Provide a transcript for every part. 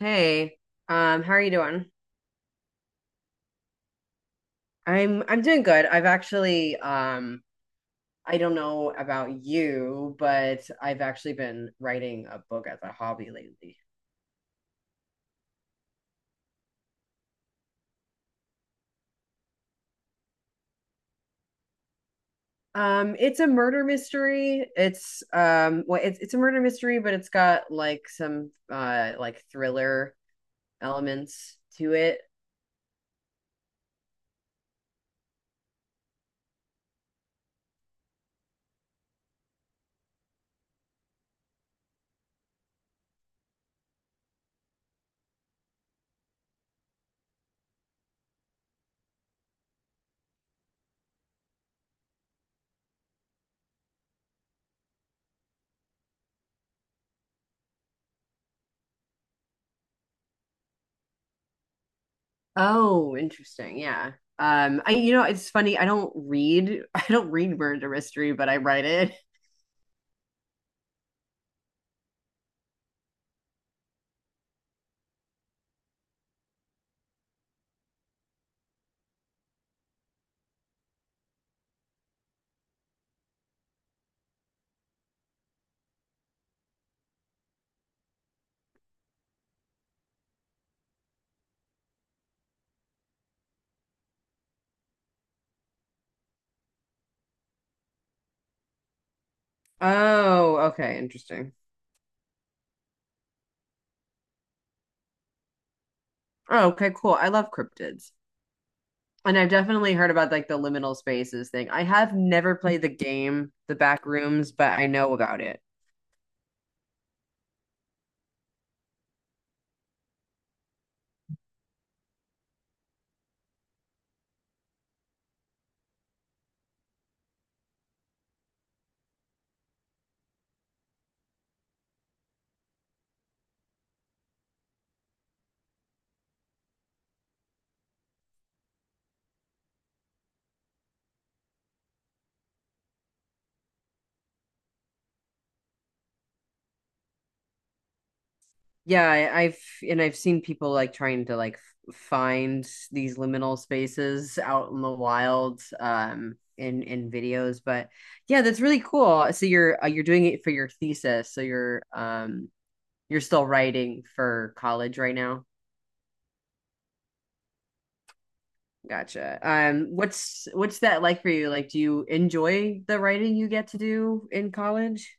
Hey, how are you doing? I'm doing good. I've actually I don't know about you, but I've actually been writing a book as a hobby lately. It's a murder mystery. It's well it's a murder mystery, but it's got like some like thriller elements to it. Oh, interesting. Yeah. I it's funny. I don't read I don't read murder mystery, but I write it. Oh, okay, interesting. Oh, okay, cool. I love cryptids. And I've definitely heard about like the liminal spaces thing. I have never played the game, The Back Rooms, but I know about it. Yeah, I've and I've seen people like trying to like find these liminal spaces out in the wild in videos, but yeah, that's really cool. So you're doing it for your thesis. So you're still writing for college right now. Gotcha. What's that like for you? Like, do you enjoy the writing you get to do in college?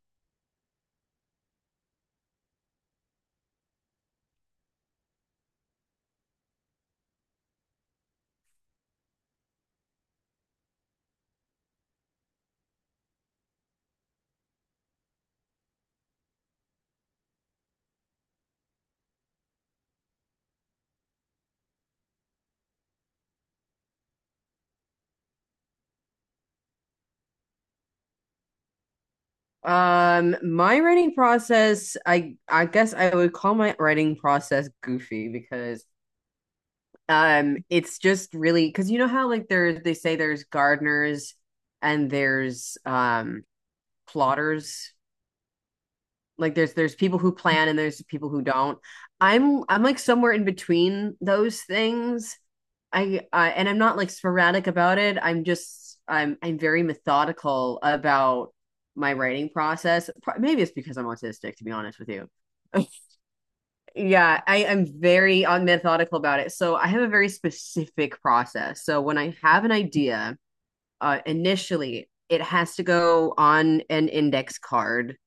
My writing process, I guess I would call my writing process goofy because it's just really because you know how like there's they say there's gardeners and there's plotters. Like there's people who plan and there's people who don't. I'm like somewhere in between those things. I and I'm not like sporadic about it. I'm just I'm very methodical about my writing process. Maybe it's because I'm autistic, to be honest with you. Yeah, I am very methodical about it. So I have a very specific process. So when I have an idea, initially it has to go on an index card,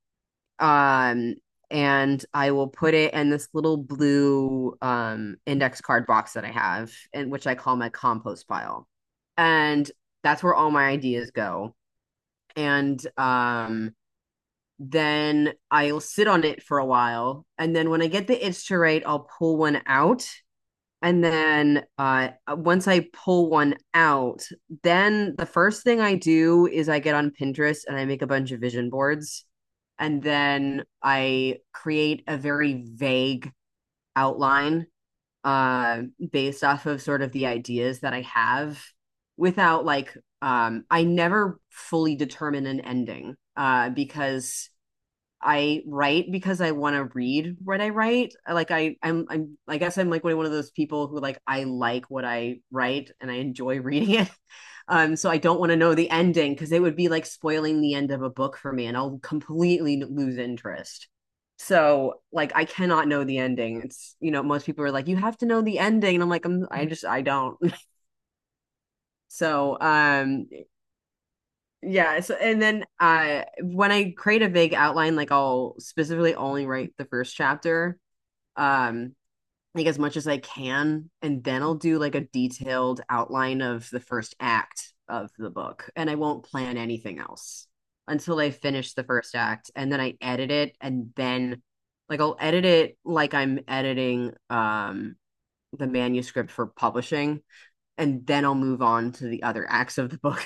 um, and I will put it in this little blue index card box that I have, and which I call my compost pile. And that's where all my ideas go. And then I'll sit on it for a while. And then when I get the itch to write, I'll pull one out and then once I pull one out, then the first thing I do is I get on Pinterest and I make a bunch of vision boards. And then I create a very vague outline uh, based off of sort of the ideas that I have without like, I never fully determine an ending because I write because I want to read what I write. Like I guess I'm like one of those people who like I like what I write and I enjoy reading it. So I don't want to know the ending because it would be like spoiling the end of a book for me, and I'll completely lose interest. So like I cannot know the ending. It's you know most people are like you have to know the ending, and I'm like I'm I just I don't. So yeah, so and then when I create a vague outline, like I'll specifically only write the first chapter, um, like as much as I can, and then I'll do like a detailed outline of the first act of the book, and I won't plan anything else until I finish the first act, and then I edit it, and then like I'll edit it like I'm editing the manuscript for publishing, and then I'll move on to the other acts of the book.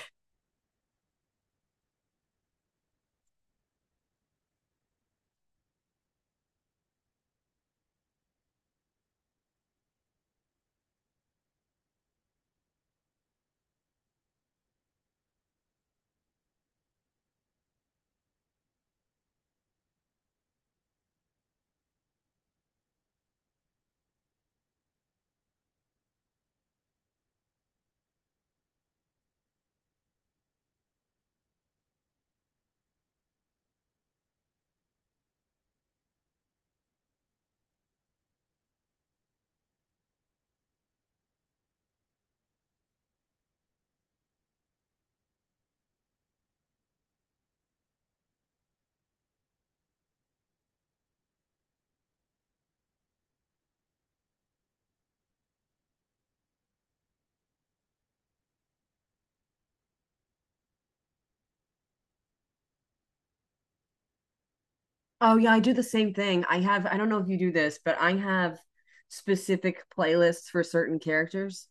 Oh yeah, I do the same thing. I have, I don't know if you do this, but I have specific playlists for certain characters.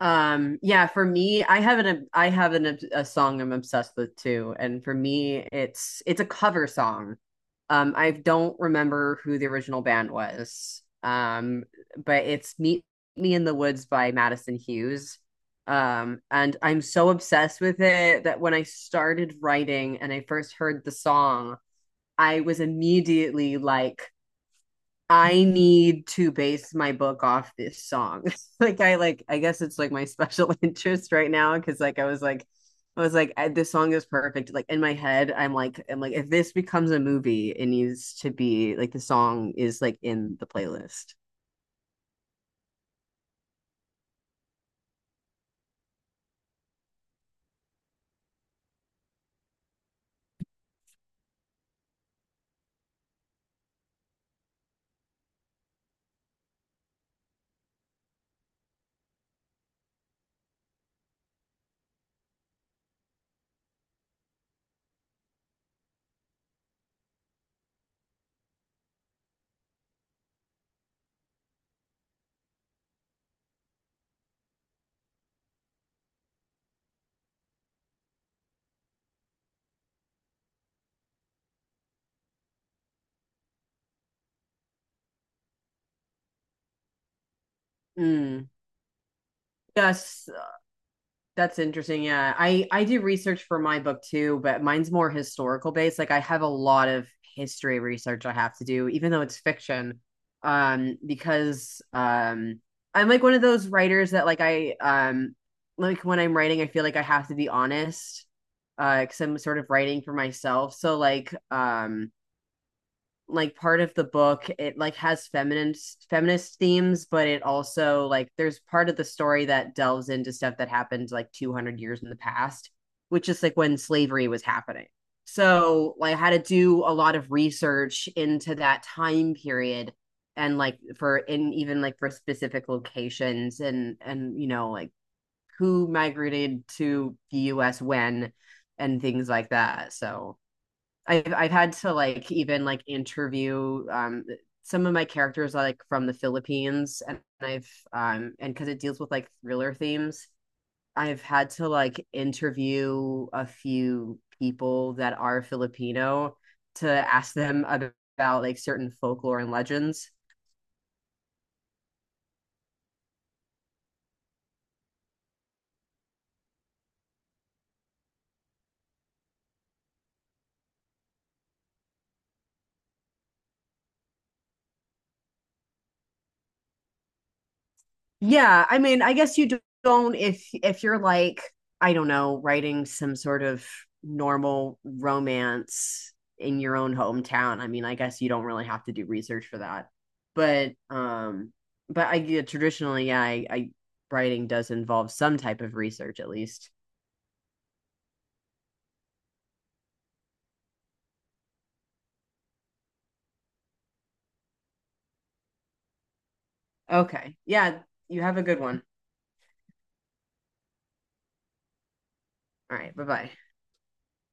Yeah, for me, I have an a song I'm obsessed with too, and for me, it's a cover song. I don't remember who the original band was. But it's Meet Me in the Woods by Madison Hughes. And I'm so obsessed with it that when I started writing and I first heard the song, I was immediately like, I need to base my book off this song. I guess it's like my special interest right now because like I was like I was like I- this song is perfect. Like in my head, I'm like if this becomes a movie, it needs to be like the song is like in the playlist. Mm. Yes. That's interesting. Yeah. I do research for my book too, but mine's more historical based. Like I have a lot of history research I have to do, even though it's fiction. Because I'm like one of those writers that like when I'm writing, I feel like I have to be honest, because I'm sort of writing for myself. So like part of the book it like has feminist themes but it also like there's part of the story that delves into stuff that happened like 200 years in the past which is like when slavery was happening so like, I had to do a lot of research into that time period and like for in even like for specific locations and you know like who migrated to the us when and things like that so I've had to like even like interview some of my characters like from the Philippines and I've and because it deals with like thriller themes, I've had to like interview a few people that are Filipino to ask them about like certain folklore and legends. Yeah, I mean, I guess you don't if you're like, I don't know, writing some sort of normal romance in your own hometown. I mean, I guess you don't really have to do research for that. But I yeah, traditionally, yeah, I writing does involve some type of research at least. Okay. Yeah, you have a good one. All right, bye-bye.